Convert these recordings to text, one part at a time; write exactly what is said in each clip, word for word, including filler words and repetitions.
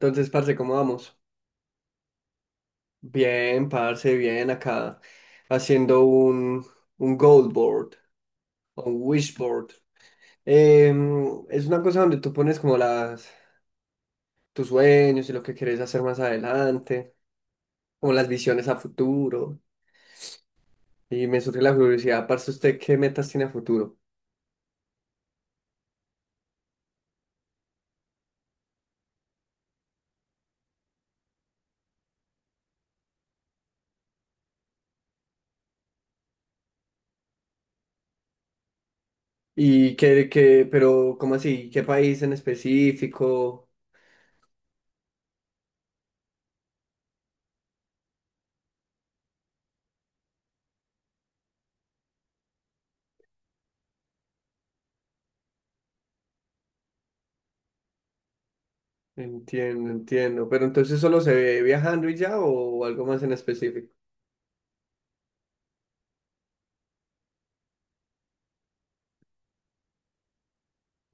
Entonces, parce, ¿cómo vamos? Bien, parce, bien, acá haciendo un, un goal board o un wish board. Em, es una cosa donde tú pones como las, tus sueños y lo que quieres hacer más adelante, como las visiones a futuro. Y me surge la curiosidad, parce, ¿usted qué metas tiene a futuro? Y qué, qué, pero, ¿cómo así? ¿Qué país en específico? Entiendo, entiendo. Pero entonces solo se ve viajando y ya o algo más en específico.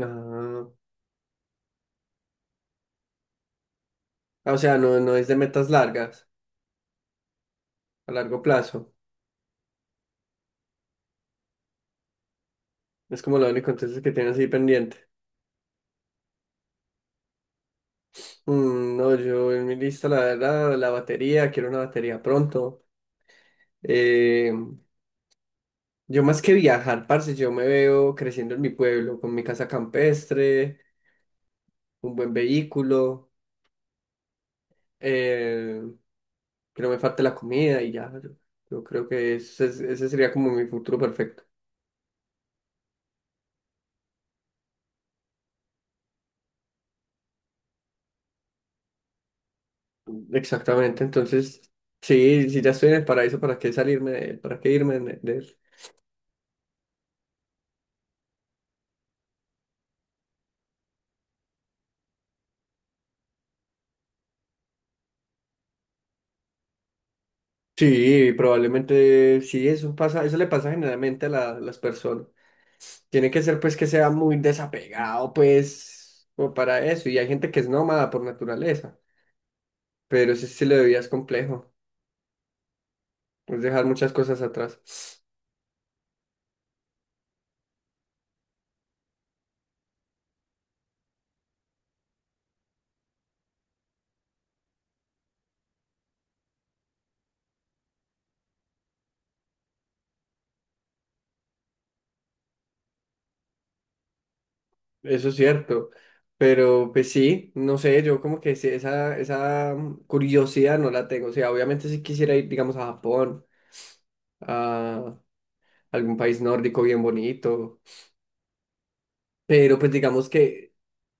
Ah. Ah, o sea, no, no es de metas largas, a largo plazo. Es como lo único entonces que tienes ahí pendiente. Mm, no, yo en mi lista, la verdad, la batería, quiero una batería pronto. Eh, yo más que viajar, parce, yo me veo creciendo en mi pueblo, con mi casa campestre, un buen vehículo, eh, que no me falte la comida y ya. Yo, yo creo que ese, es- ese sería como mi futuro perfecto. Exactamente, entonces, sí, si ya estoy en el paraíso, ¿para qué salirme de él? ¿Para qué irme de de él? Sí, probablemente sí, eso pasa, eso le pasa generalmente a la- las personas. Tiene que ser pues que sea muy desapegado, pues, como para eso. Y hay gente que es nómada por naturaleza, pero ese estilo de vida es complejo, es dejar muchas cosas atrás. Eso es cierto. Pero pues sí, no sé, yo como que sí, esa, esa mm, curiosidad no la tengo. O sea, obviamente si quisiera ir, digamos, a Japón, a algún país nórdico bien bonito, pero pues digamos que,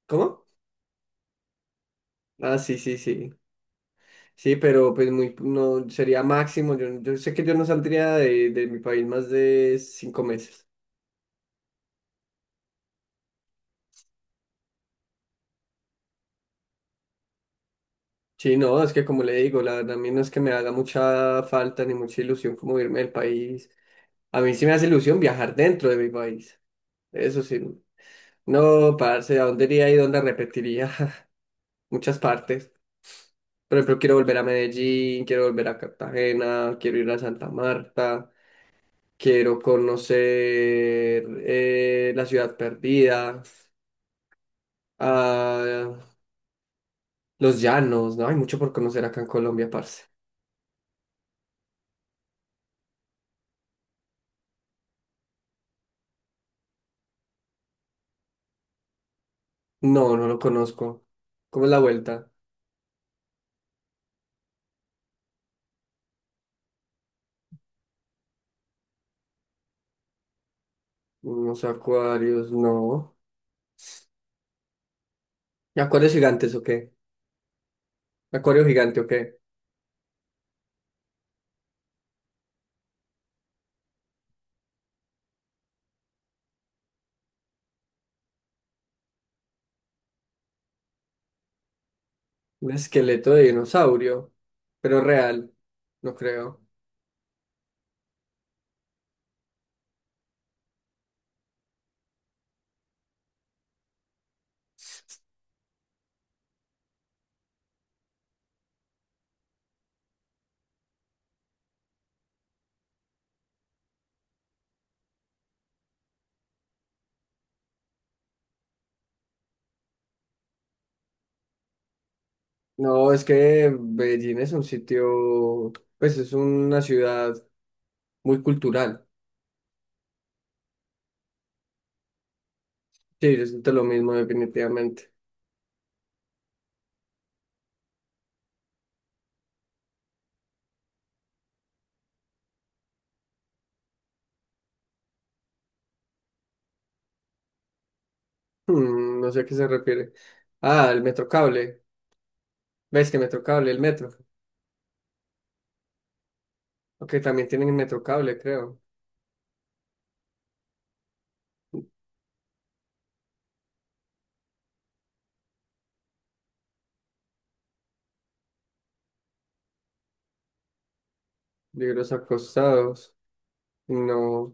¿cómo? Ah, sí, sí, sí. Sí, pero pues muy, no, sería máximo. Yo, yo sé que yo no saldría de, de mi país más de cinco meses. Sí, no, es que como le digo, la verdad a mí no es que me haga mucha falta ni mucha ilusión como irme del país. A mí sí me hace ilusión viajar dentro de mi país. Eso sí. No, parce, ¿a dónde iría y dónde repetiría? Muchas partes. Por ejemplo, quiero volver a Medellín, quiero volver a Cartagena, quiero ir a Santa Marta, quiero conocer eh, la ciudad perdida. Ah, Los Llanos, ¿no? Hay mucho por conocer acá en Colombia, parce. No, no lo conozco. ¿Cómo es la vuelta? Unos acuarios, no. ¿Y acuarios gigantes o qué? ¿Acuario gigante o qué? Un esqueleto de dinosaurio, pero real, no creo. No, es que Medellín es un sitio, pues es una ciudad muy cultural. Sí, yo siento lo mismo definitivamente. Hmm, no sé a qué se refiere. Ah, el Metrocable. ¿Ves que Metrocable, el metro? Ok, también tienen metrocable, creo. Libros acostados. No,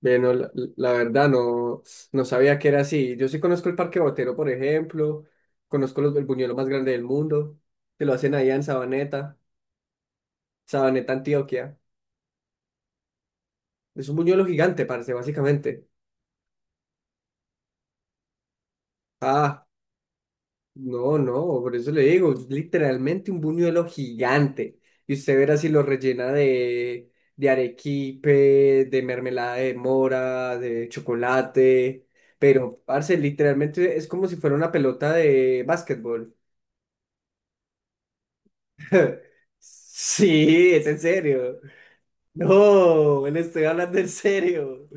ve, no, la, la verdad no, no sabía que era así. Yo sí conozco el Parque Botero, por ejemplo. Conozco los, el buñuelo más grande del mundo. Que lo hacen allá en Sabaneta, Sabaneta, Antioquia. Es un buñuelo gigante, parece, básicamente. Ah, no, no, por eso le digo, literalmente un buñuelo gigante. Y usted verá si lo rellena de, de arequipe, de mermelada de mora, de chocolate. Pero, parce, literalmente es como si fuera una pelota de básquetbol. Sí, es en serio. No, le estoy hablando en serio.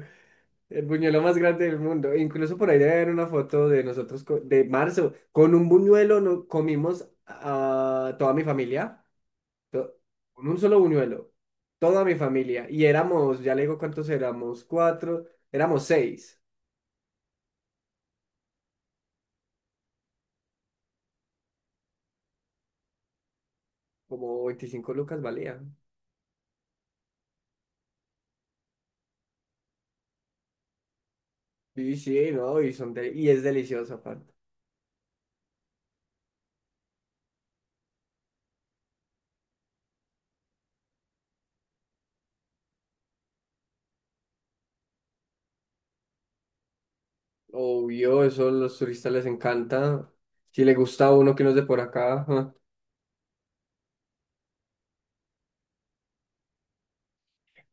El buñuelo más grande del mundo. Incluso por ahí debe haber una foto de nosotros co- de marzo. Con un buñuelo no comimos a toda mi familia. to- con un solo buñuelo, toda mi familia, y éramos, ya le digo cuántos éramos, cuatro, éramos seis, como veinticinco lucas valía. Y sí, no, y, son de- y es delicioso aparte. Obvio, eso a los turistas les encanta. Si le gusta a uno que no es de por acá, ajá.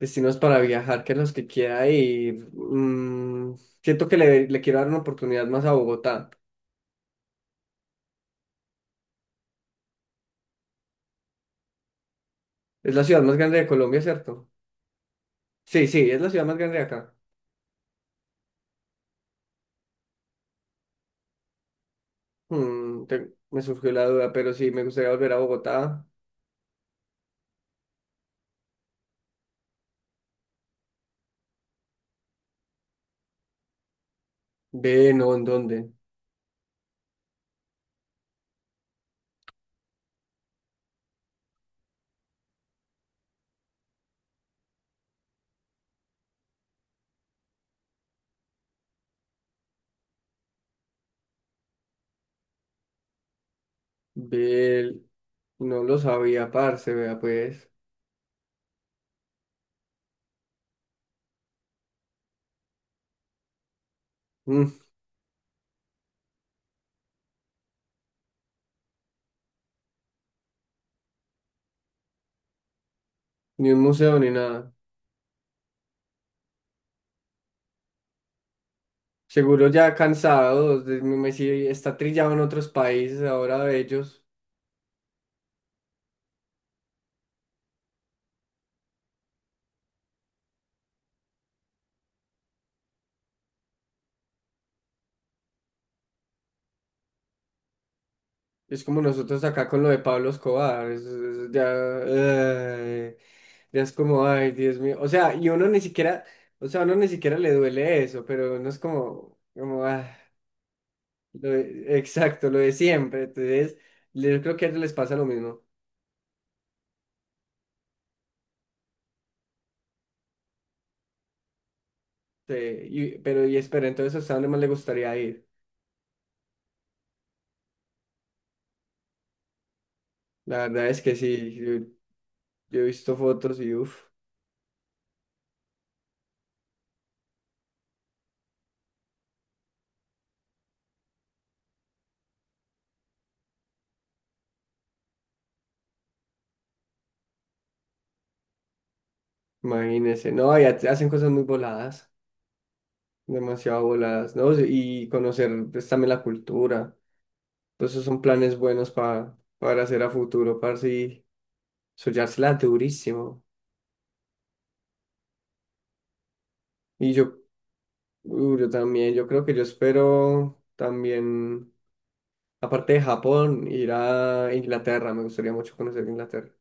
Destinos para viajar, que los que quiera ir. Mm, siento que le, le quiero dar una oportunidad más a Bogotá. Es la ciudad más grande de Colombia, ¿cierto? Sí, sí, es la ciudad más grande de acá. Mm, te- me surgió la duda, pero sí, me gustaría volver a Bogotá. Ve, no, ¿en dónde? Ve, el- no lo sabía, parce, vea, pues. Mm, ni un museo ni nada. Seguro ya cansados, de- me me- sí, está trillado en otros países ahora de ellos. Es como nosotros acá con lo de Pablo Escobar. Es- es- ya, eh, ya es como, ay, Dios mío. O sea, y uno ni siquiera, o sea, a uno ni siquiera le duele eso, pero uno es como, como, ah. Lo de- exacto, lo de siempre. Entonces, yo creo que a ellos les pasa lo mismo. Sí, y- pero, y espera, entonces, ¿hasta dónde más le gustaría ir? La verdad es que sí, yo, yo he visto fotos y uff, imagínense. No, y ha- hacen cosas muy voladas, demasiado voladas, ¿no? Y conocer pues, también la cultura. Entonces, esos son planes buenos para, para hacer a futuro, para sí, soñársela durísimo. Y yo, uh, yo también, yo creo que yo espero también. Aparte de Japón, ir a Inglaterra, me gustaría mucho conocer Inglaterra.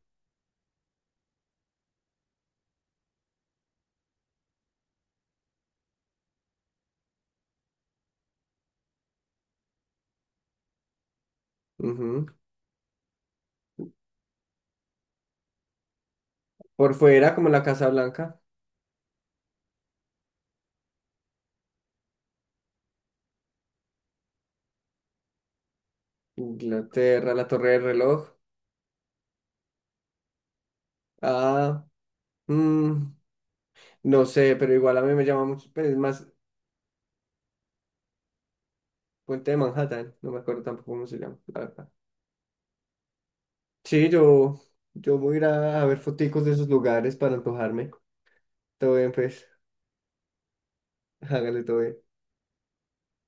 Ujú. Por fuera, como la Casa Blanca, Inglaterra, la Torre del Reloj. Ah, mm, no sé, pero igual a mí me llama mucho, pues, es más Puente de Manhattan, no me acuerdo tampoco cómo se llama, la verdad. Sí, yo, yo voy a ir a, a ver foticos de esos lugares para antojarme. Todo bien, pues, hágale todo bien.